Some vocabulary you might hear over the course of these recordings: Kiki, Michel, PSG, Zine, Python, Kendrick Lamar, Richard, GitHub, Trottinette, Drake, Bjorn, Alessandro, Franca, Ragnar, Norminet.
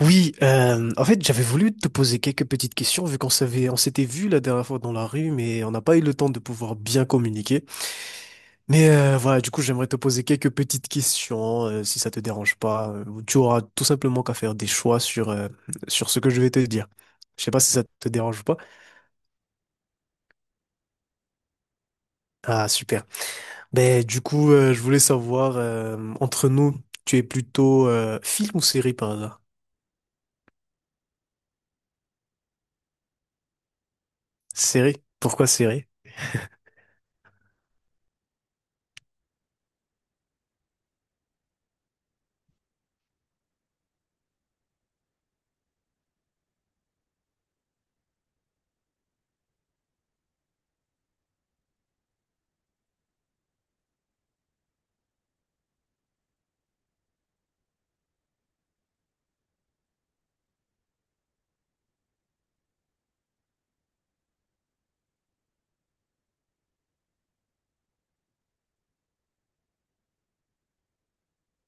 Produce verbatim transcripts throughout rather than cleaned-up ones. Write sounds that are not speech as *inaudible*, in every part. Oui, euh, en fait, j'avais voulu te poser quelques petites questions vu qu'on s'avait, on s'était vu la dernière fois dans la rue, mais on n'a pas eu le temps de pouvoir bien communiquer. Mais euh, voilà, du coup, j'aimerais te poser quelques petites questions, euh, si ça te dérange pas. Euh, Tu auras tout simplement qu'à faire des choix sur euh, sur ce que je vais te dire. Je sais pas si ça te dérange ou pas. Ah super. Ben du coup, euh, je voulais savoir euh, entre nous, tu es plutôt euh, film ou série par hasard? Série. Pourquoi série?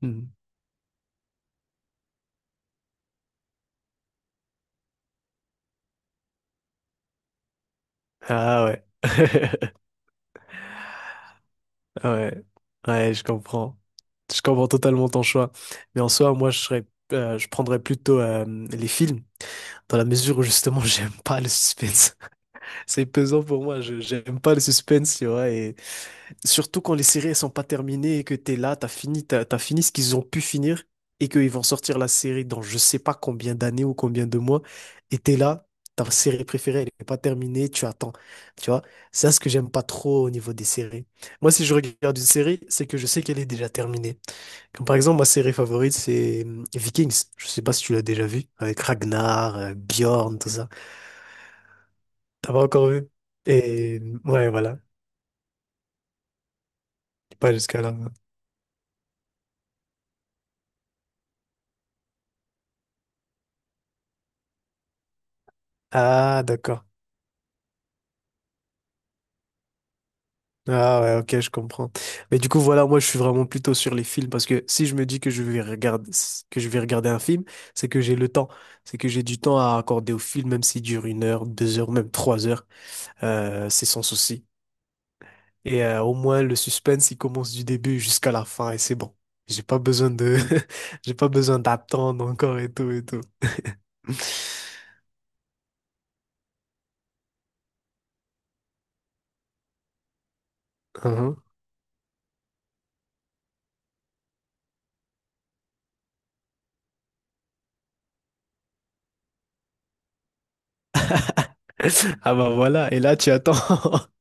Hmm. Ah ouais. *laughs* Ouais, ouais, je comprends. Je comprends totalement ton choix. Mais en soi, moi, je serais, euh, je prendrais plutôt euh, les films, dans la mesure où justement, *laughs* j'aime pas le suspense. C'est pesant pour moi. Je j'aime pas le suspense, tu vois. Et surtout quand les séries elles sont pas terminées et que t'es là, t'as fini, t'as, t'as fini ce qu'ils ont pu finir et qu'ils vont sortir la série dans je sais pas combien d'années ou combien de mois et t'es là, ta série préférée elle est pas terminée, tu attends, tu vois. C'est ça ce que j'aime pas trop au niveau des séries. Moi si je regarde une série, c'est que je sais qu'elle est déjà terminée. Comme par exemple ma série favorite c'est hum, Vikings. Je sais pas si tu l'as déjà vu avec Ragnar, euh, Bjorn, tout ça. T'as pas encore vu? Et hmm, ouais voilà, pas jusqu'à là. Ah d'accord. Ah ouais, ok, je comprends. Mais du coup, voilà, moi, je suis vraiment plutôt sur les films parce que si je me dis que je vais regarder, que je vais regarder un film, c'est que j'ai le temps. C'est que j'ai du temps à accorder au film, même s'il dure une heure, deux heures, même trois heures. Euh, c'est sans souci. Et euh, au moins, le suspense, il commence du début jusqu'à la fin et c'est bon. J'ai pas besoin de, *laughs* j'ai pas besoin d'attendre encore et tout et tout. *laughs* Uhum. Ah bah voilà, et là, tu attends. *laughs*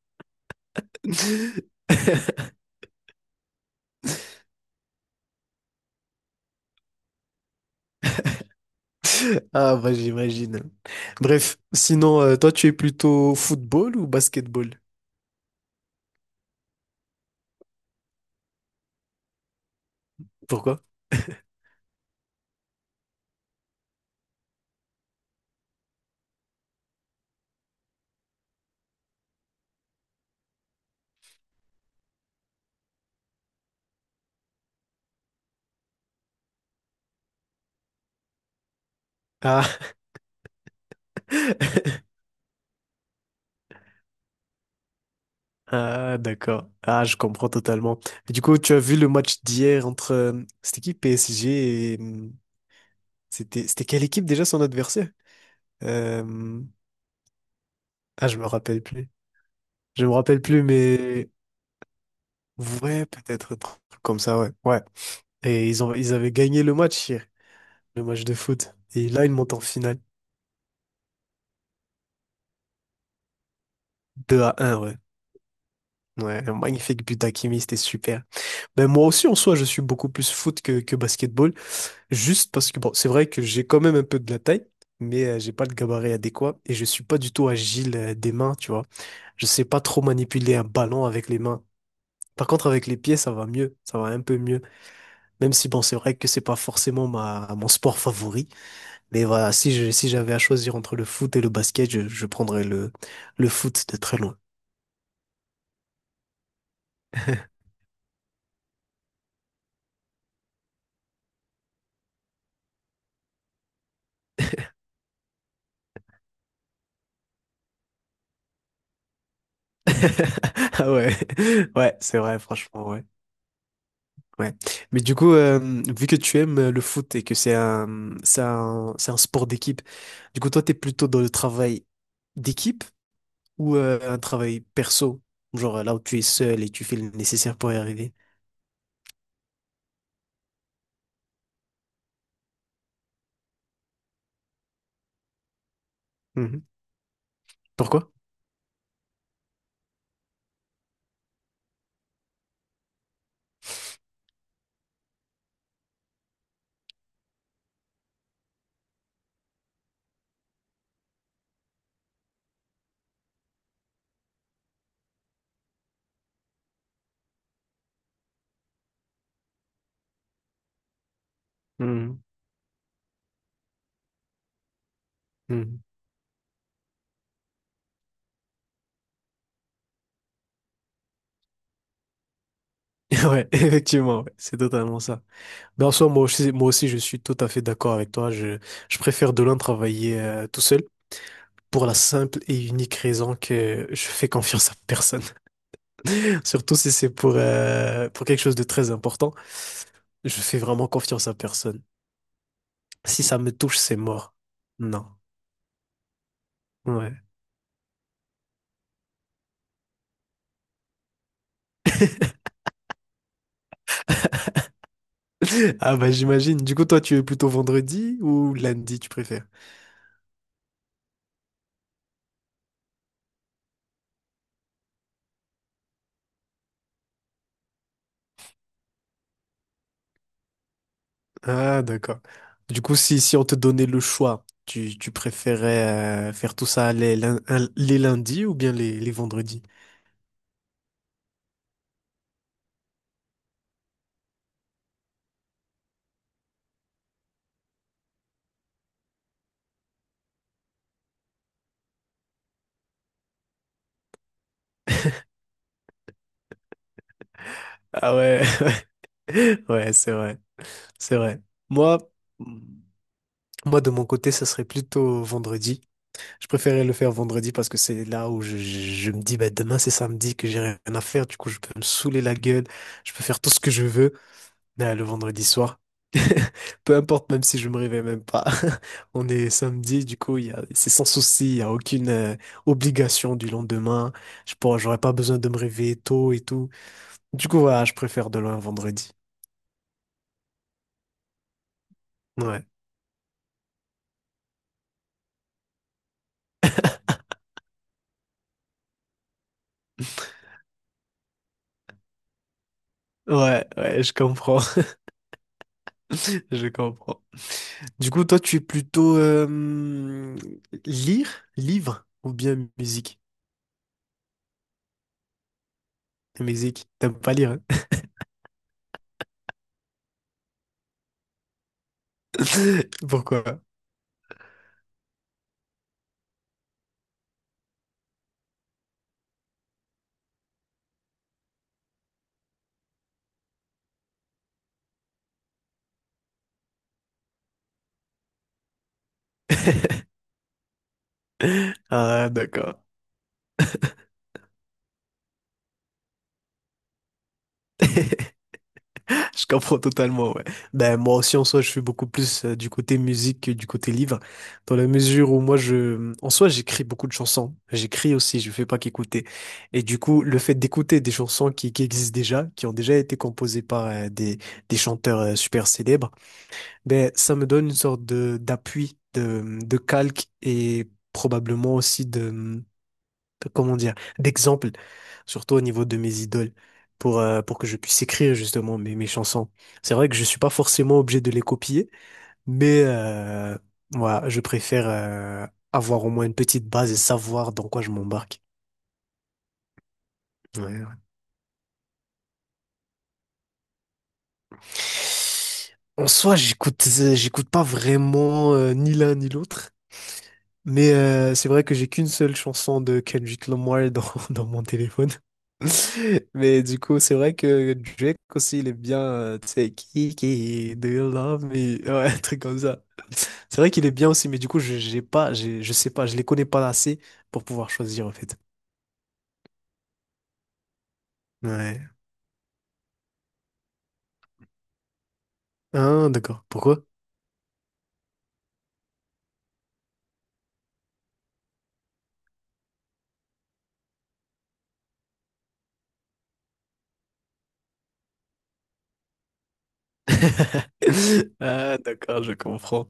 Ah, bah j'imagine. Bref, sinon, euh, toi, tu es plutôt football ou basketball? Pourquoi? Ah, *laughs* ah d'accord. Ah, je comprends totalement. Et du coup, tu as vu le match d'hier entre euh, cette équipe P S G et... hum, C'était, c'était quelle équipe déjà son adversaire? Euh, Ah, je me rappelle plus. Je me rappelle plus, mais... Ouais, peut-être un truc comme ça, ouais. Ouais. Et ils ont, ils avaient gagné le match hier, le match de foot. Et là, ils montent en finale. Deux à un, ouais. Ouais, un magnifique but d'Hakimi, c'était super. Ben moi aussi, en soi, je suis beaucoup plus foot que, que basketball, juste parce que, bon, c'est vrai que j'ai quand même un peu de la taille, mais euh, j'ai pas le gabarit adéquat et je suis pas du tout agile euh, des mains, tu vois. Je sais pas trop manipuler un ballon avec les mains. Par contre, avec les pieds, ça va mieux, ça va un peu mieux. Même si, bon, c'est vrai que c'est pas forcément ma, mon sport favori, mais voilà, si je, si j'avais à choisir entre le foot et le basket, je, je prendrais le, le foot de très loin. *laughs* *laughs* Ah ouais, *laughs* ouais, c'est vrai, franchement, ouais. Ouais. Mais du coup, euh, vu que tu aimes euh, le foot et que c'est un, c'est un, c'est un sport d'équipe, du coup, toi, t'es plutôt dans le travail d'équipe ou euh, un travail perso? Genre euh, là où tu es seul et tu fais le nécessaire pour y arriver. Mhm. Pourquoi? Mhm. Mhm. *laughs* Ouais, effectivement, ouais, c'est totalement ça. Mais en soi, moi aussi, moi aussi, je suis tout à fait d'accord avec toi. Je, je préfère de loin travailler euh, tout seul, pour la simple et unique raison que je fais confiance à personne. *laughs* Surtout si c'est pour, euh, pour quelque chose de très important, je fais vraiment confiance à personne. Si ça me touche, c'est mort. Non. Ouais. *laughs* Ah bah j'imagine. Du coup, toi, tu es plutôt vendredi ou lundi, tu, préfères? Ah d'accord. Du coup, si, si on te donnait le choix, tu, tu préférais euh, faire tout ça les, lun- un- les lundis ou bien les, les vendredis? Ah ouais, *laughs* ouais, c'est vrai, c'est vrai. Moi, Moi, de mon côté, ça serait plutôt vendredi. Je préférais le faire vendredi parce que c'est là où je, je- je me dis, bah, demain, c'est samedi, que j'ai rien à faire. Du coup, je peux me saouler la gueule. Je peux faire tout ce que je veux. Mais, euh, le vendredi soir, *laughs* peu importe, même si je me réveille même pas. *laughs* On est samedi, du coup, il y a, c'est sans souci. Il n'y a aucune euh, obligation du lendemain. Je pourrais, j'aurais pas besoin de me réveiller tôt et tout. Du coup, voilà, je préfère de loin vendredi. Ouais. Ouais, ouais, je comprends. *laughs* Je comprends. Du coup, toi, tu es plutôt euh, lire, livre ou bien musique? Musique, t'aimes pas lire, hein? *laughs* Pourquoi? Ah, d'accord. Je comprends totalement, ouais. Ben, moi aussi, en soi, je suis beaucoup plus euh, du côté musique que du côté livre, dans la mesure où moi, je, en soi, j'écris beaucoup de chansons. J'écris aussi, je fais pas qu'écouter. Et du coup, le fait d'écouter des chansons qui, qui existent déjà, qui ont déjà été composées par euh, des, des chanteurs euh, super célèbres, ben, ça me donne une sorte de d'appui, de, de calque et probablement aussi de, de- comment dire, d'exemple, surtout au niveau de mes idoles, pour, euh, pour que je puisse écrire justement mes, mes chansons. C'est vrai que je suis pas forcément obligé de les copier, mais euh, voilà, je préfère euh, avoir au moins une petite base et savoir dans quoi je m'embarque. Ouais, ouais. En soi, j'écoute, euh, j'écoute pas vraiment euh, ni l'un ni l'autre. Mais euh, c'est vrai que j'ai qu'une seule chanson de Kendrick Lamar dans, *laughs* dans mon téléphone. *laughs* Mais du coup, c'est vrai que Drake aussi, il est bien, euh, tu sais, Kiki, do you love me? Ouais, *laughs* un truc comme ça. C'est vrai qu'il est bien aussi, mais du coup, je j'ai pas, j'ai- je sais pas, je les connais pas assez pour pouvoir choisir en fait. Ouais. Ah, d'accord. Pourquoi? *laughs* Ah, d'accord, je comprends.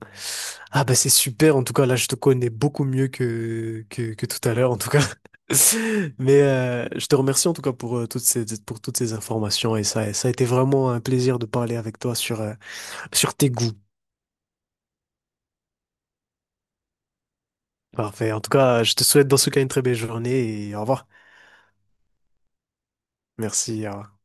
Ah, bah, c'est super. En tout cas, là, je te connais beaucoup mieux que, que, que tout à l'heure, en tout cas. *laughs* Mais euh, je te remercie, en tout cas, pour, euh, toutes ces, pour toutes ces informations. Et ça, ça a été vraiment un plaisir de parler avec toi sur, euh, sur tes goûts. Parfait. En tout cas, je te souhaite dans ce cas une très belle journée et au revoir. Merci. Au revoir.